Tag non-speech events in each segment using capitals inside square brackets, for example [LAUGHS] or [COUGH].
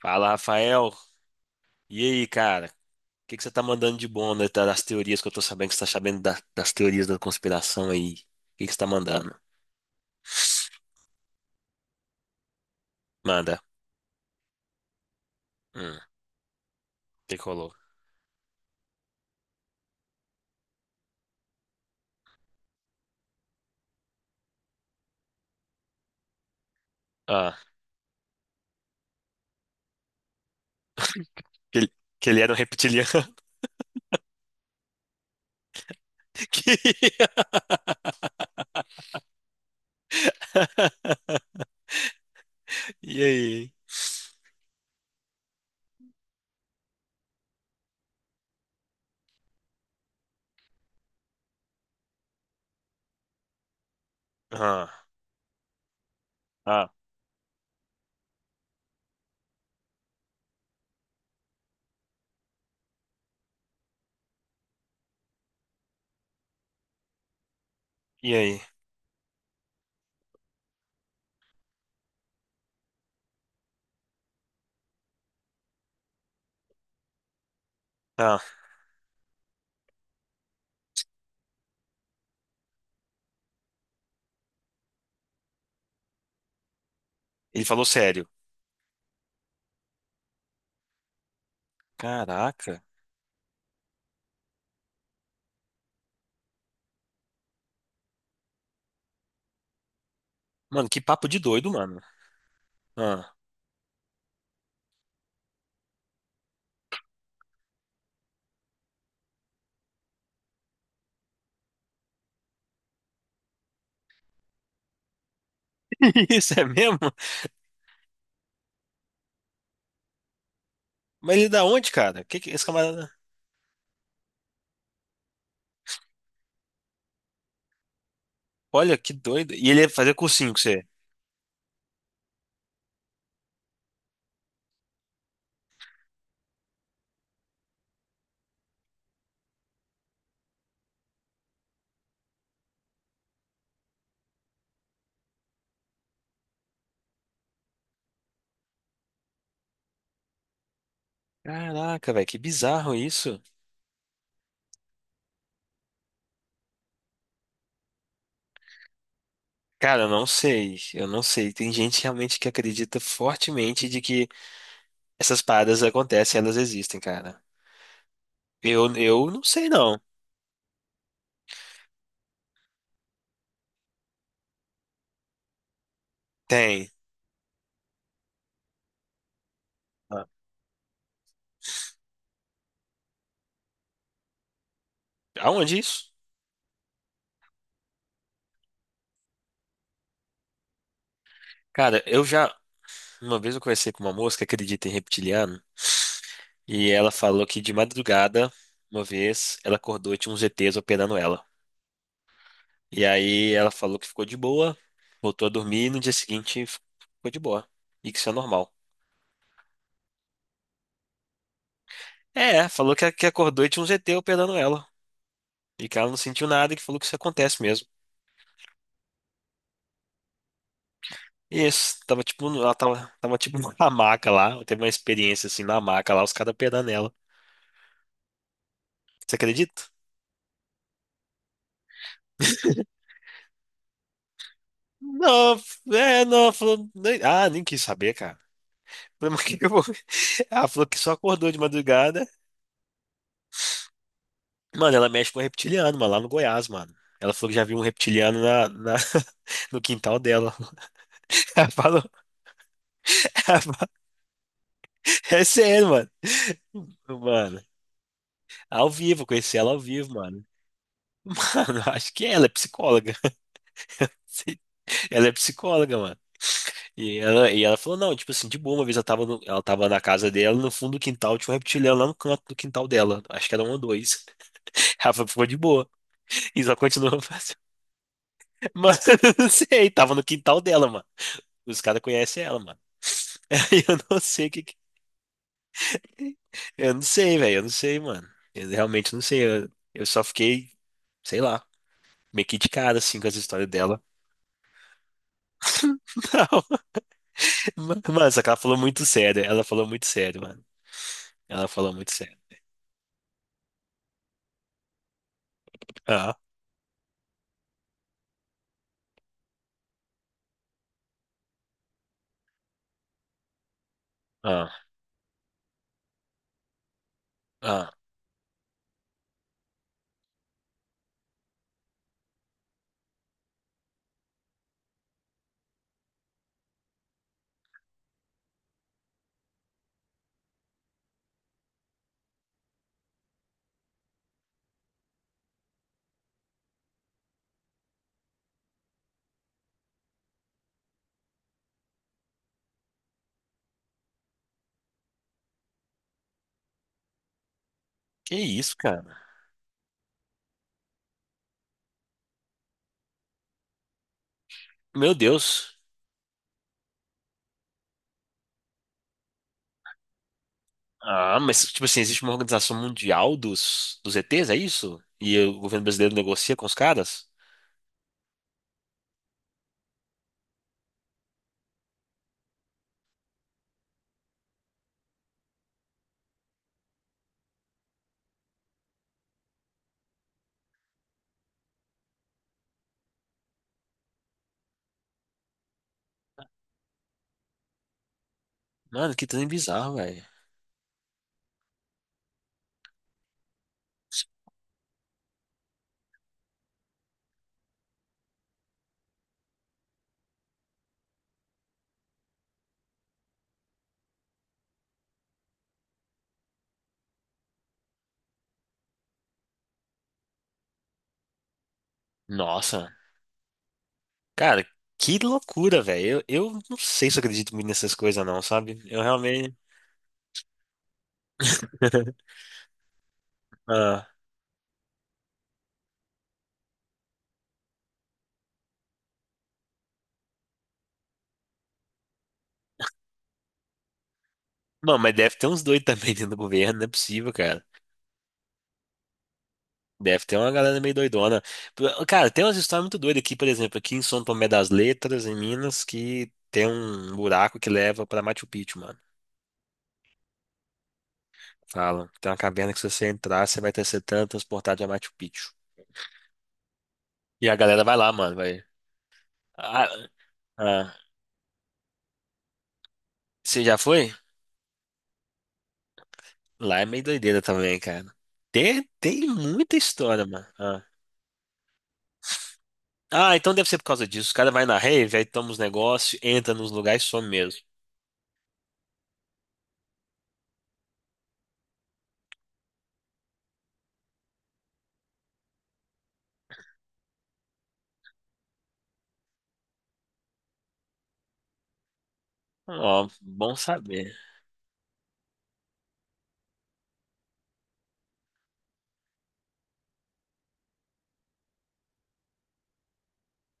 Fala, Rafael. E aí, cara? O que você tá mandando de bom, né? Tá, das teorias que eu tô sabendo que você tá sabendo das teorias da conspiração aí? O que você tá mandando? Manda. O que rolou? Ah, que ele, que ele era um reptiliano. [LAUGHS] Que- [LAUGHS] E aí? Ah, ah, e aí? Ah, ele falou sério. Caraca. Mano, que papo de doido, mano. Ah, [LAUGHS] isso é mesmo? Mas ele é da onde, cara? Que esse camarada... Olha, que doido. E ele ia fazer cursinho com você? Caraca, velho, que bizarro isso. Cara, eu não sei, eu não sei. Tem gente realmente que acredita fortemente de que essas paradas acontecem, elas existem, cara. Eu não sei, não. Tem. Ah. Aonde isso? Cara, eu já. Uma vez eu conversei com uma moça que acredita em reptiliano, e ela falou que de madrugada, uma vez, ela acordou e tinha uns ETs operando ela. E aí ela falou que ficou de boa, voltou a dormir e no dia seguinte ficou de boa. E que isso é normal. É, falou que acordou e tinha um ZT operando ela. E que ela não sentiu nada e que falou que isso acontece mesmo. E isso, tava tipo, ela tava, tava tipo [LAUGHS] na maca lá. Teve uma experiência assim na maca lá, os caras operando ela. Você acredita? Não, é, não, falou. Ah, nem quis saber, cara. [LAUGHS] Falei, mas o que que eu vou [LAUGHS] ver? Ah, falou que só acordou de madrugada. Mano, ela mexe com um reptiliano, mano, lá no Goiás, mano. Ela falou que já viu um reptiliano [LAUGHS] no quintal dela. [LAUGHS] Ela falou, ela falou- é sério, mano. Mano, ao vivo, conheci ela ao vivo, mano. [LAUGHS] acho que ela é psicóloga. [LAUGHS] Ela é psicóloga, mano. E ela falou, não, tipo assim, de boa, uma vez ela tava, ela tava na casa dela, no fundo do quintal tinha um reptiliano lá no canto do quintal dela. Acho que era um ou dois. [LAUGHS] Ela falou, ficou de boa. E só continuou fazendo. Mas [LAUGHS] eu não sei, tava no quintal dela, mano. Os caras conhecem ela, mano. [LAUGHS] Aí eu não sei o que, Eu não sei, velho. Eu não sei, mano. Eu realmente não sei. Eu só fiquei, sei lá, meio que de cara, assim, com essa história dela. [LAUGHS] Não, mano, só que ela falou muito sério. Ela falou muito sério, mano. Ela falou muito sério. Ah, ah, ah. Que isso, cara? Meu Deus. Ah, mas, tipo assim, existe uma organização mundial dos ETs, é isso? E o governo brasileiro negocia com os caras? Mano, que trem bizarro, velho. Nossa. Cara, que loucura, velho. Eu não sei se eu acredito muito nessas coisas, não, sabe? Eu realmente. [LAUGHS] Ah. Mano, mas deve ter uns doidos também dentro do governo, não é possível. Deve ter uma galera meio doidona. Cara, tem umas histórias muito doidas aqui, por exemplo, aqui em São Tomé das Letras, em Minas, que tem um buraco que leva pra Machu Picchu, mano. Falam, tem uma caverna que se você entrar, você vai ter ser transportado a Machu Picchu. E a galera vai lá, mano, vai. Ah, ah, você já foi? Lá é meio doideira também, cara. Tem muita história, mano. Ah. Ah, então deve ser por causa disso. Os caras vai na rave, aí toma os negócios, entra nos lugares e some mesmo. Ó, bom saber.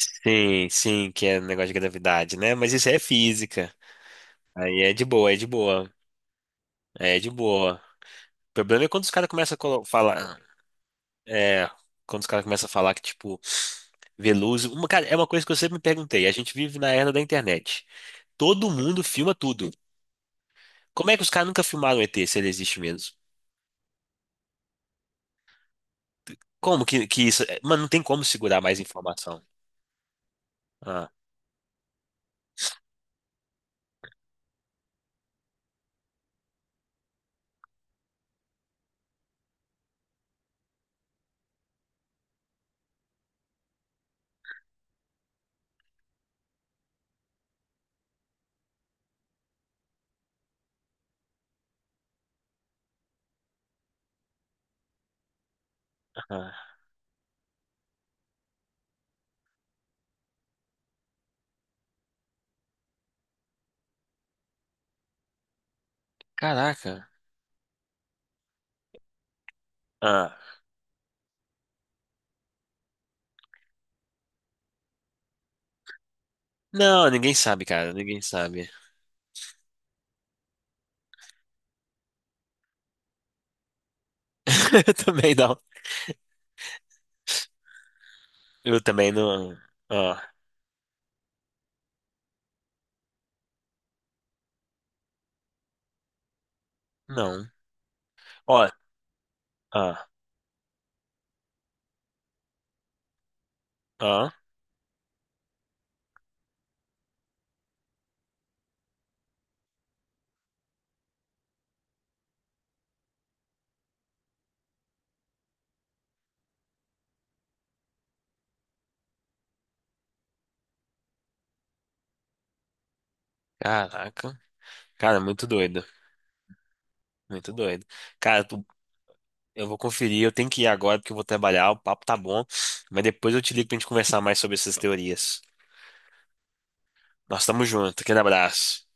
Sim, sim, que é um negócio de gravidade, né? Mas isso aí é física. Aí é de boa, é de boa. É de boa. O problema é quando os caras começam a falar. É. Quando os caras começam a falar que, tipo, Veloso. Uma, cara, é uma coisa que eu sempre me perguntei. A gente vive na era da internet. Todo mundo filma tudo. Como é que os caras nunca filmaram o ET se ele existe mesmo? Como que isso. É, mano, não tem como segurar mais informação. Ah, ah. Caraca. Ah. Não, ninguém sabe, cara. Ninguém sabe. [LAUGHS] Também não. Eu também não. Ah, não. Ó, ah, ah, caraca. Cara, muito doido. Muito doido. Cara, eu vou conferir, eu tenho que ir agora porque eu vou trabalhar, o papo tá bom, mas depois eu te ligo pra gente conversar mais sobre essas teorias. Nós estamos juntos, aquele abraço.